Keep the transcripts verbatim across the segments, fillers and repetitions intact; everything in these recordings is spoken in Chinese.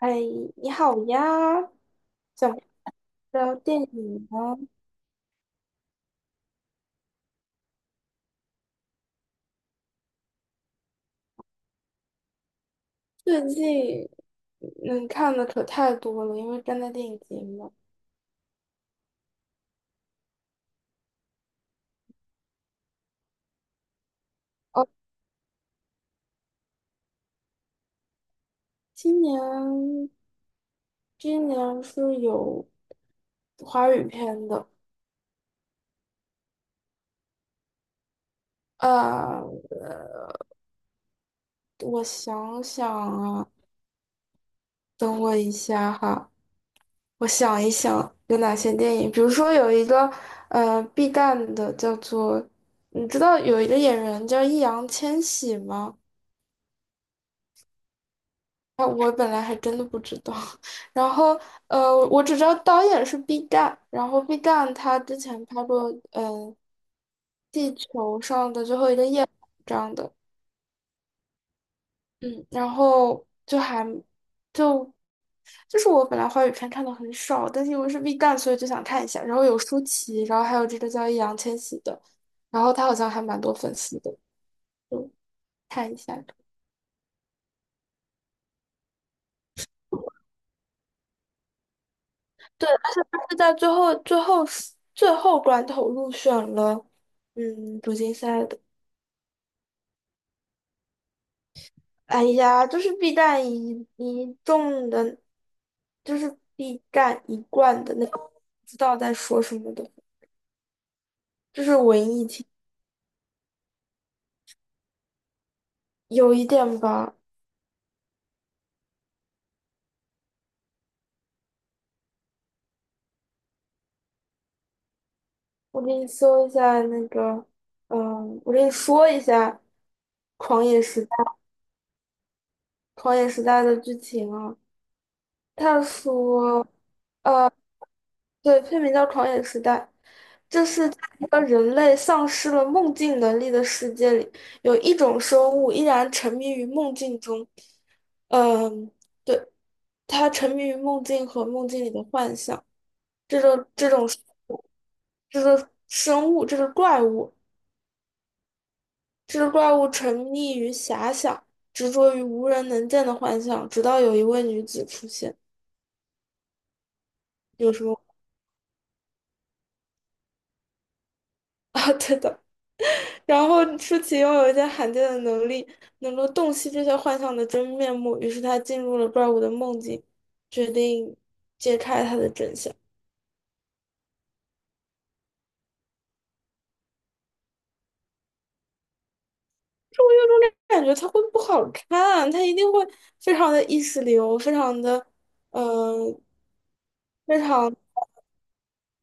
哎，你好呀，想聊聊电影吗？最近能看的可太多了，因为正在电影节嘛。哦，今年今年是有华语片的。呃，我想想啊，等我一下哈，我想一想有哪些电影。比如说有一个呃 B 站的叫做，你知道有一个演员叫易烊千玺吗？啊，我本来还真的不知道。然后呃，我只知道导演是毕赣，然后毕赣他之前拍过嗯、呃地球上的最后一个夜晚这样的。嗯，然后就还就就是我本来华语片看的很少，但是因为是毕赣，所以就想看一下，然后有舒淇，然后还有这个叫易烊千玺的，然后他好像还蛮多粉丝的，就看一下。对，而且他是在最后最后最后关头入选了，嗯，主竞赛的。哎呀，就是必战一一众的，就是必战一贯的那种，不知道在说什么的，就是文艺青，有一点吧。我给你搜一下那个，嗯，我给你说一下《狂野时代》《狂野时代》的剧情啊。他说。对，片名叫《狂野时代》。这是在一个人类丧失了梦境能力的世界里，有一种生物依然沉迷于梦境中。嗯，对，它沉迷于梦境和梦境里的幻想。这种这种这个生物，这个怪物，这个怪物沉溺于遐想，执着于无人能见的幻象，直到有一位女子出现。有什么 啊，对的。然后舒淇拥有一些罕见的能力，能够洞悉这些幻象的真面目。于是她进入了怪物的梦境，决定揭开它的真相。感觉它会不好看，它一定会非常的意识流，非常的，嗯，非常。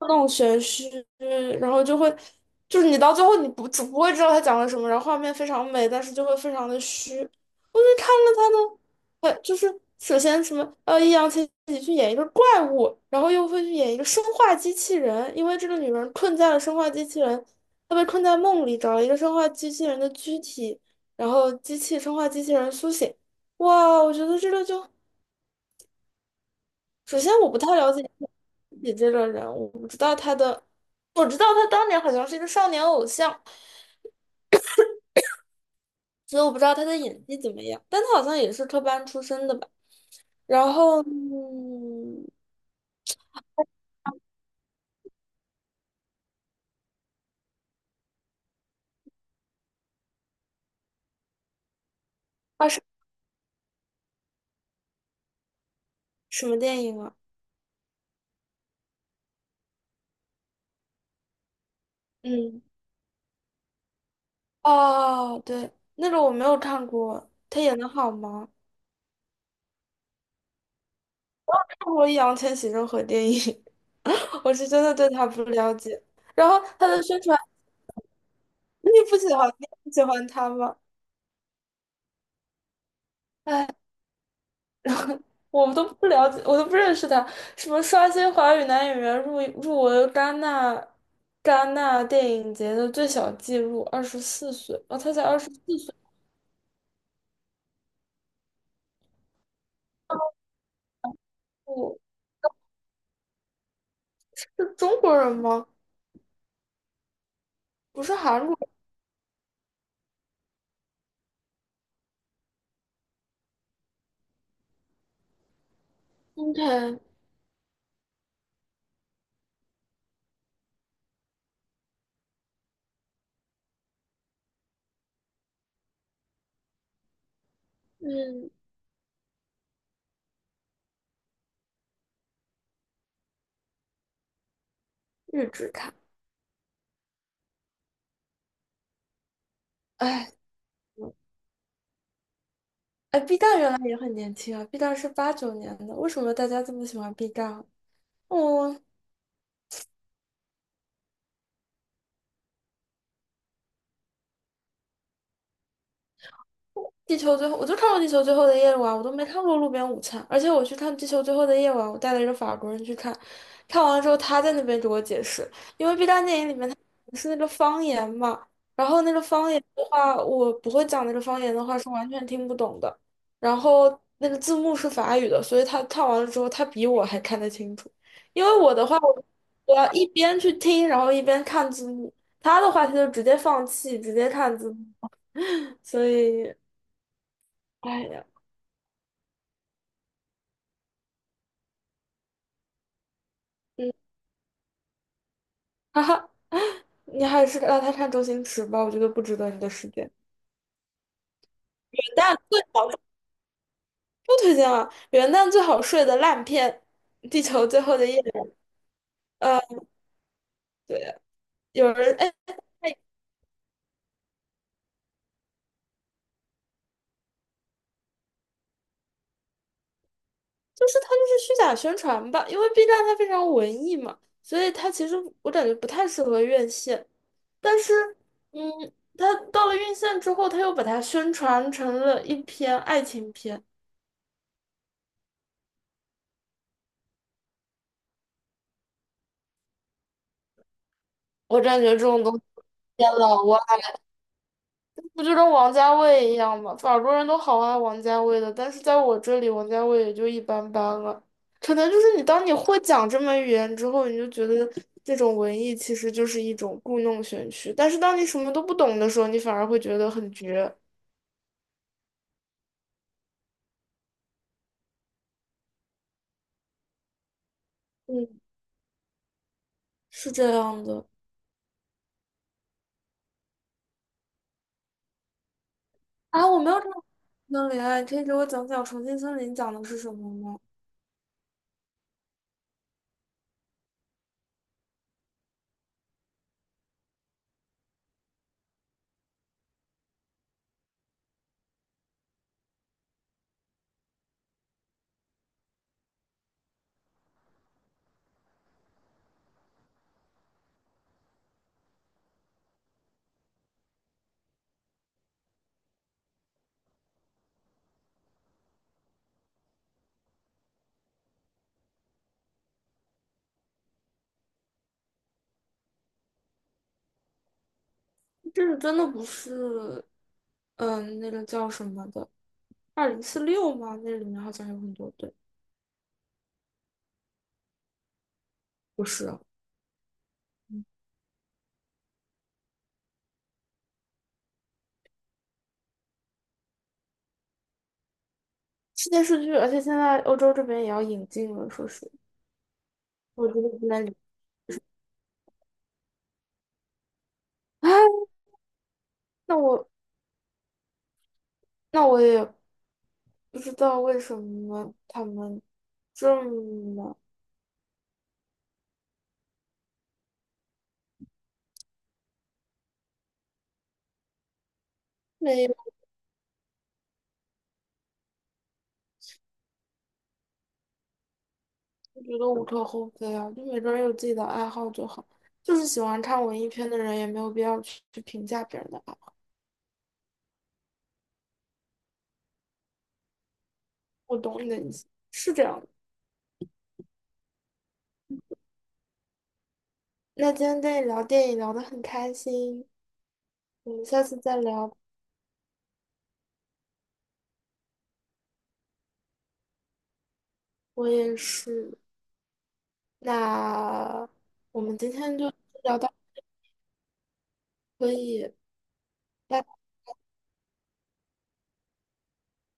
那种玄虚，然后就会，就是你到最后你不只不会知道他讲了什么，然后画面非常美，但是就会非常的虚。我就看了他的，呃，就是首先什么，呃，易烊千玺去演一个怪物，然后又会去演一个生化机器人，因为这个女人困在了生化机器人，她被困在梦里，找了一个生化机器人的躯体，然后机器生化机器人苏醒。哇，我觉得这个就，首先我不太了解你这个人，物。我知道他当年好像是一个少年偶像，所以我不知道他的演技怎么样，但他好像也是科班出身的吧。然后，嗯，啊，是什么电影啊？嗯，哦，对，那个我没有看过，他演的好吗？看过易烊千玺任何电影，我是真的对他不了解。然后他的宣传，你不喜欢，你不喜欢他吗？我们都不了解，我都不认识他。什么刷新华语男演员入入围戛纳戛纳电影节的最小纪录，二十四岁啊，他才二十四岁。哦，是中国人吗？不是韩国人。OK,嗯，日职看。哎，哎，B 站原来也很年轻啊，B 站是八九年的，为什么大家这么喜欢 B 站啊？哦地球最后，我就看过《地球最后的夜晚》，我都没看过《路边午餐》。而且我去看《地球最后的夜晚》，我带了一个法国人去看，看完了之后他在那边给我解释，因为 B 站电影里面他是那个方言嘛，然后那个方言的话，我不会讲那个方言的话是完全听不懂的，然后那个字幕是法语的，所以他看完了之后，他比我还看得清楚。因为我的话，我我要一边去听，然后一边看字幕，他的话他就直接放弃，直接看字幕。所以，哎呀。嗯。哈哈，你还是让他看周星驰吧，我觉得不值得你的时间。元旦最好不推荐了，元旦最好睡的烂片，《地球最后的夜》。呃，对，有人哎，哎就是他就是虚假宣传吧。因为 B 站它非常文艺嘛，所以它其实我感觉不太适合院线。但是，嗯，它到了院线之后，它又把它宣传成了一篇爱情片，我感觉这种东西。天呐，不就跟王家卫一样吗？法国人都好爱王家卫的，但是在我这里，王家卫也就一般般了。可能就是你当你会讲这门语言之后，你就觉得这种文艺其实就是一种故弄玄虚。但是当你什么都不懂的时候，你反而会觉得很绝。嗯，是这样的。啊，我没有看过《重庆森林》啊，你可以给我讲讲《重庆森林》讲的是什么吗？这个真的不是，嗯，那个叫什么的，二零四六吗？那里面好像有很多对，不是啊。是电视剧，而且现在欧洲这边也要引进了，说是我觉得不能理。哎，那我那我也不知道为什么他们这么没有。我觉得无可厚非啊，就每个人有自己的爱好就好。就是喜欢看文艺片的人，也没有必要去去评价别人的爱。我懂你的意思，是这样的。那今天跟你聊电影聊得很开心，我们下次再聊。我也是。那我们今天就聊到这里可以。拜拜。